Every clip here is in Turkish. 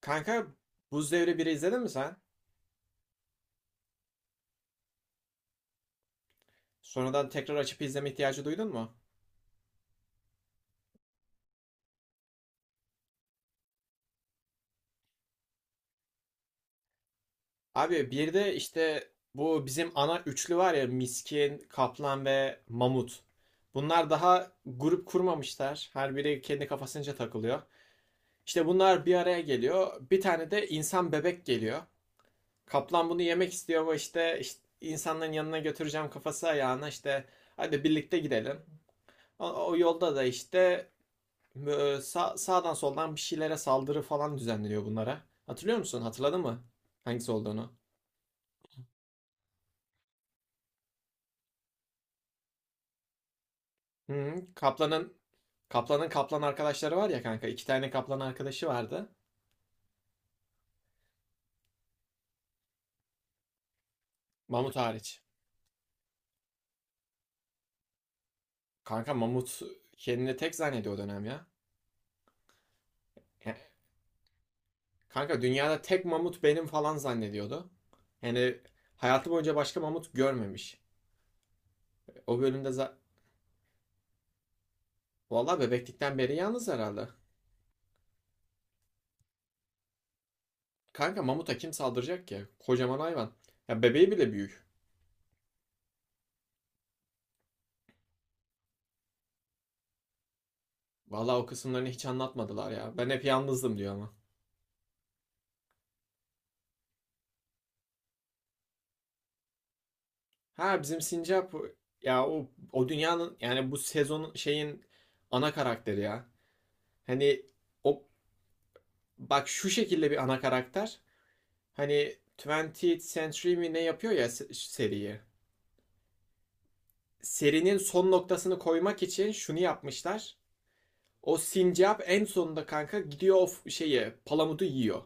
Kanka, Buz Devri biri izledin mi sen? Sonradan tekrar açıp izleme ihtiyacı duydun mu? Abi bir de işte bu bizim ana üçlü var ya Miskin, Kaplan ve Mamut. Bunlar daha grup kurmamışlar. Her biri kendi kafasınca takılıyor. İşte bunlar bir araya geliyor. Bir tane de insan bebek geliyor. Kaplan bunu yemek istiyor ama işte insanların yanına götüreceğim kafası ayağına işte hadi birlikte gidelim. O yolda da işte sağdan soldan bir şeylere saldırı falan düzenleniyor bunlara. Hatırlıyor musun? Hatırladın mı? Hangisi olduğunu? Hı, Kaplan'ın kaplan arkadaşları var ya kanka. İki tane kaplan arkadaşı vardı. Mamut hariç. Kanka mamut kendini tek zannediyor o dönem ya. He- Kanka dünyada tek mamut benim falan zannediyordu. Yani hayatı boyunca başka mamut görmemiş. O bölümde za- Vallahi bebeklikten beri yalnız herhalde. Kanka mamuta kim saldıracak ki? Kocaman hayvan. Ya bebeği bile büyük. Vallahi o kısımlarını hiç anlatmadılar ya. Ben hep yalnızdım diyor ama. Ha bizim Sincap ya o dünyanın yani bu sezonun şeyin ana karakteri ya. Hani o bak şu şekilde bir ana karakter. Hani 20 Century mi ne yapıyor ya seriyi. Serinin son noktasını koymak için şunu yapmışlar. O Sincap en sonunda kanka gidiyor o şeyi palamudu yiyor.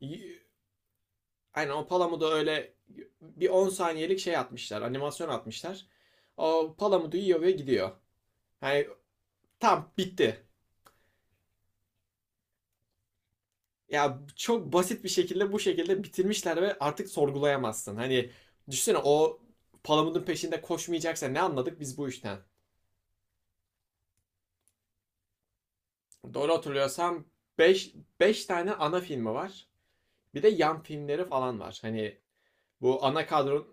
Y- Aynen o Palamut'a öyle bir 10 saniyelik şey atmışlar. Animasyon atmışlar. O Palamut'u yiyor ve gidiyor. Yani tam bitti. Ya çok basit bir şekilde bu şekilde bitirmişler ve artık sorgulayamazsın. Hani düşünsene o Palamut'un peşinde koşmayacaksa ne anladık biz bu işten? Doğru hatırlıyorsam 5 5 tane ana filmi var. Bir de yan filmleri falan var. Hani bu ana kadron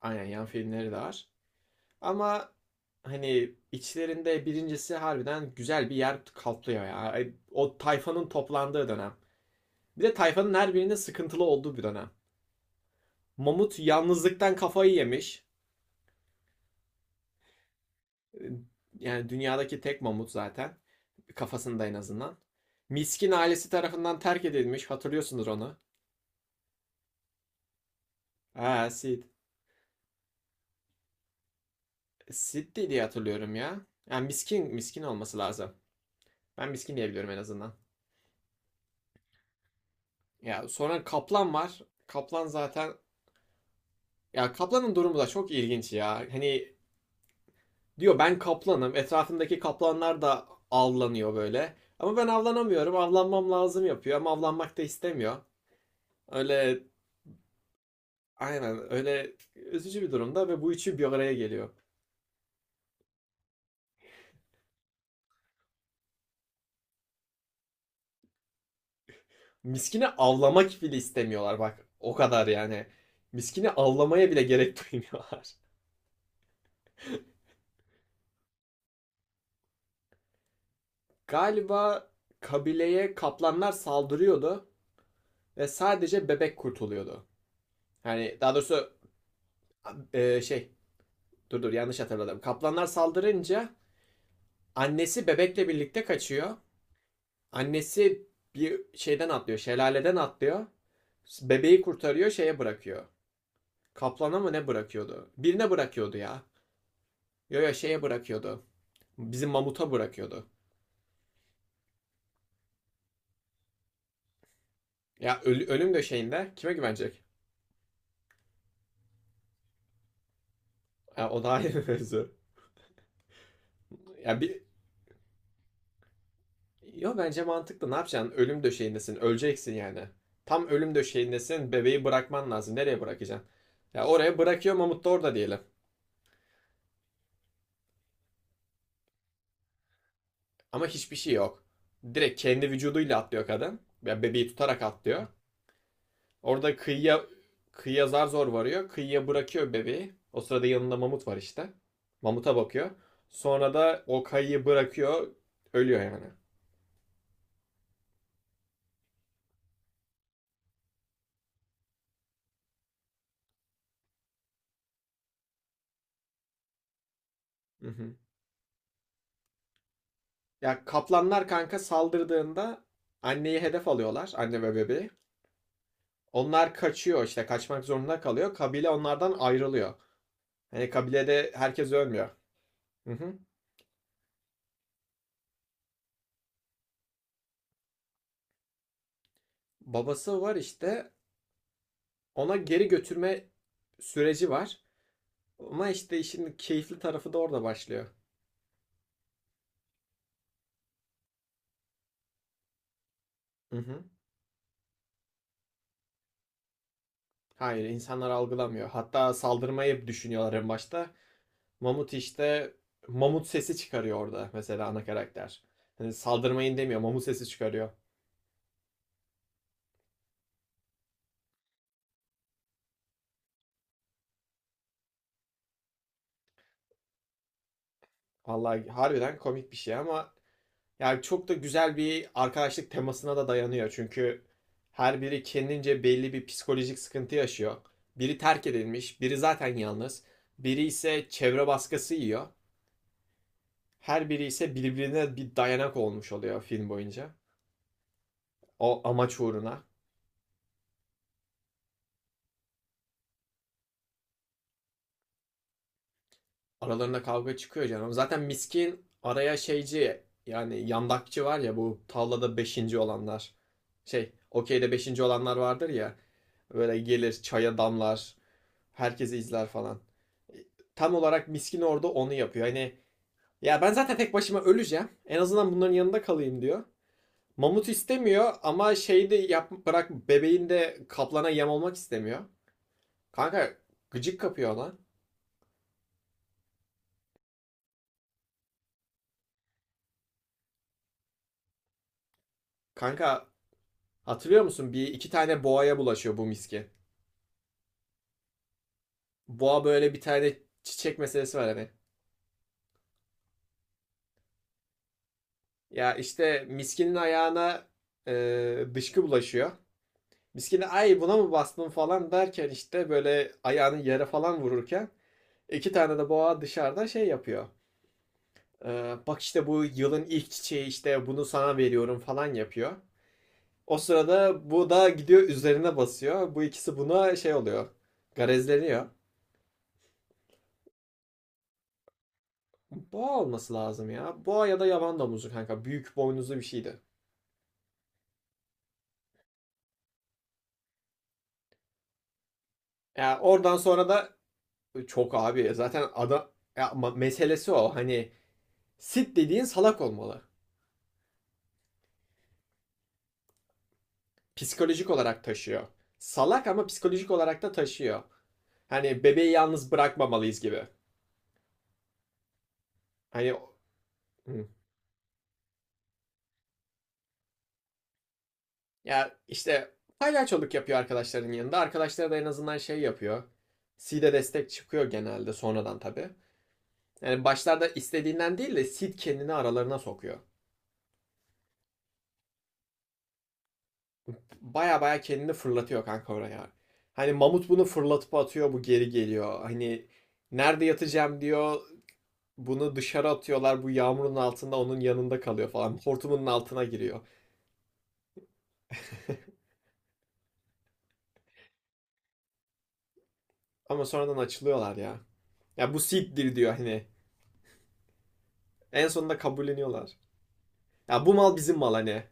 aynen yan filmleri de var. Ama hani içlerinde birincisi harbiden güzel bir yer kaplıyor ya. O tayfanın toplandığı dönem. Bir de tayfanın her birinde sıkıntılı olduğu bir dönem. Mamut yalnızlıktan kafayı yemiş. Ee, Yani dünyadaki tek mamut zaten. Kafasında en azından. Miskin ailesi tarafından terk edilmiş. Hatırlıyorsunuz onu. Ha Sid. Sid diye hatırlıyorum ya. Yani miskin miskin olması lazım. Ben miskin diyebiliyorum en azından. Ya sonra kaplan var. Kaplan zaten Ya kaplanın durumu da çok ilginç ya. Hani diyor ben kaplanım. Etrafındaki kaplanlar da avlanıyor böyle. Ama ben avlanamıyorum. Avlanmam lazım yapıyor ama avlanmak da istemiyor. Öyle aynen öyle üzücü bir durumda ve bu üçü bir araya geliyor. Miskini avlamak bile istemiyorlar bak. O kadar yani. Miskini avlamaya bile gerek duymuyorlar. Galiba kabileye kaplanlar saldırıyordu ve sadece bebek kurtuluyordu. Yani daha doğrusu e, şey dur dur, yanlış hatırladım. Kaplanlar saldırınca annesi bebekle birlikte kaçıyor. Annesi bir şeyden atlıyor, şelaleden atlıyor. Bebeği kurtarıyor, şeye bırakıyor. Kaplana mı ne bırakıyordu? Birine bırakıyordu ya. Yo yo, şeye bırakıyordu. Bizim mamuta bırakıyordu. Ya ölüm döşeğinde kime güvenecek? Ya, o da ayrı mevzu. Ya bir Yo, bence mantıklı. Ne yapacaksın? Ölüm döşeğindesin. Öleceksin yani. Tam ölüm döşeğindesin. Bebeği bırakman lazım. Nereye bırakacaksın? Ya oraya bırakıyor Mamut da orada diyelim. Ama hiçbir şey yok. Direkt kendi vücuduyla atlıyor kadın. Ya bebeği tutarak atlıyor. Orada kıyıya zar zor varıyor. Kıyıya bırakıyor bebeği. O sırada yanında mamut var işte. Mamuta bakıyor. Sonra da o kayayı bırakıyor. Ölüyor yani. Hı hı. Ya kaplanlar kanka saldırdığında anneyi hedef alıyorlar. Anne ve bebeği. Onlar kaçıyor işte kaçmak zorunda kalıyor. Kabile onlardan ayrılıyor. Hani kabilede herkes ölmüyor. Hı hı. Babası var işte ona geri götürme süreci var. Ama işte işin keyifli tarafı da orada başlıyor. Hı hı. Hayır, insanlar algılamıyor. Hatta saldırmayı düşünüyorlar en başta. Mamut işte mamut sesi çıkarıyor orada mesela ana karakter. Hani saldırmayın demiyor, mamut sesi çıkarıyor. Vallahi harbiden komik bir şey ama yani çok da güzel bir arkadaşlık temasına da dayanıyor. Çünkü her biri kendince belli bir psikolojik sıkıntı yaşıyor. Biri terk edilmiş, biri zaten yalnız, biri ise çevre baskısı yiyor. Her biri ise birbirine bir dayanak olmuş oluyor film boyunca. O amaç uğruna. Aralarında kavga çıkıyor canım. Zaten miskin araya şeyci yani yandakçı var ya, bu tavlada beşinci olanlar. Okeyde beşinci olanlar vardır ya. Böyle gelir çaya damlar. Herkesi izler falan. Tam olarak miskin orada onu yapıyor. Hani ya ben zaten tek başıma öleceğim. En azından bunların yanında kalayım diyor. Mamut istemiyor ama şeyi de yap, bırak bebeğin de kaplana yem olmak istemiyor. Kanka gıcık kapıyor lan. Kanka, hatırlıyor musun? Bir iki tane boğaya bulaşıyor bu miski. Boğa böyle bir tane çiçek meselesi var hani. Ya işte miskinin ayağına dışkı bulaşıyor. Miskini ay buna mı bastın falan derken işte böyle ayağını yere falan vururken iki tane de boğa dışarıda şey yapıyor. Bak işte bu yılın ilk çiçeği işte bunu sana veriyorum falan yapıyor. O sırada bu da gidiyor üzerine basıyor. Bu ikisi buna şey oluyor. Garezleniyor. Boğa olması lazım ya. Boğa ya da yaban domuzu kanka. Büyük boynuzlu bir şeydi. Ya oradan sonra da çok abi zaten ada ya meselesi o. Hani sit dediğin salak olmalı. Psikolojik olarak taşıyor. Salak ama psikolojik olarak da taşıyor. Hani bebeği yalnız bırakmamalıyız gibi. Hani ya işte palyaçoluk yapıyor arkadaşların yanında. Arkadaşları da en azından şey yapıyor. Sid'e destek çıkıyor genelde sonradan tabii. Yani başlarda istediğinden değil de Sid kendini aralarına sokuyor. Baya baya kendini fırlatıyor kanka oraya. Hani mamut bunu fırlatıp atıyor bu geri geliyor. Hani nerede yatacağım diyor. Bunu dışarı atıyorlar bu yağmurun altında onun yanında kalıyor falan. Hortumunun altına giriyor. Ama sonradan açılıyorlar ya. Ya bu Sid'dir diyor hani. En sonunda kabulleniyorlar. Ya bu mal bizim mal hani.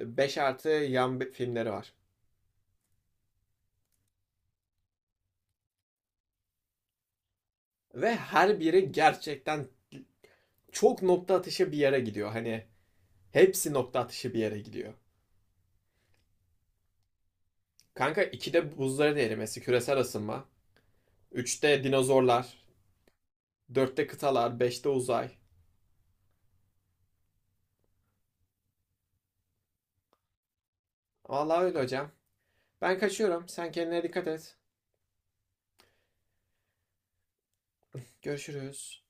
5 artı yan filmleri var. Ve her biri gerçekten çok nokta atışı bir yere gidiyor. Hani hepsi nokta atışı bir yere gidiyor. Kanka 2'de buzların erimesi, küresel ısınma. Üçte dinozorlar. Dörtte kıtalar. Beşte uzay. Vallahi öyle hocam. Ben kaçıyorum. Sen kendine dikkat et. Görüşürüz.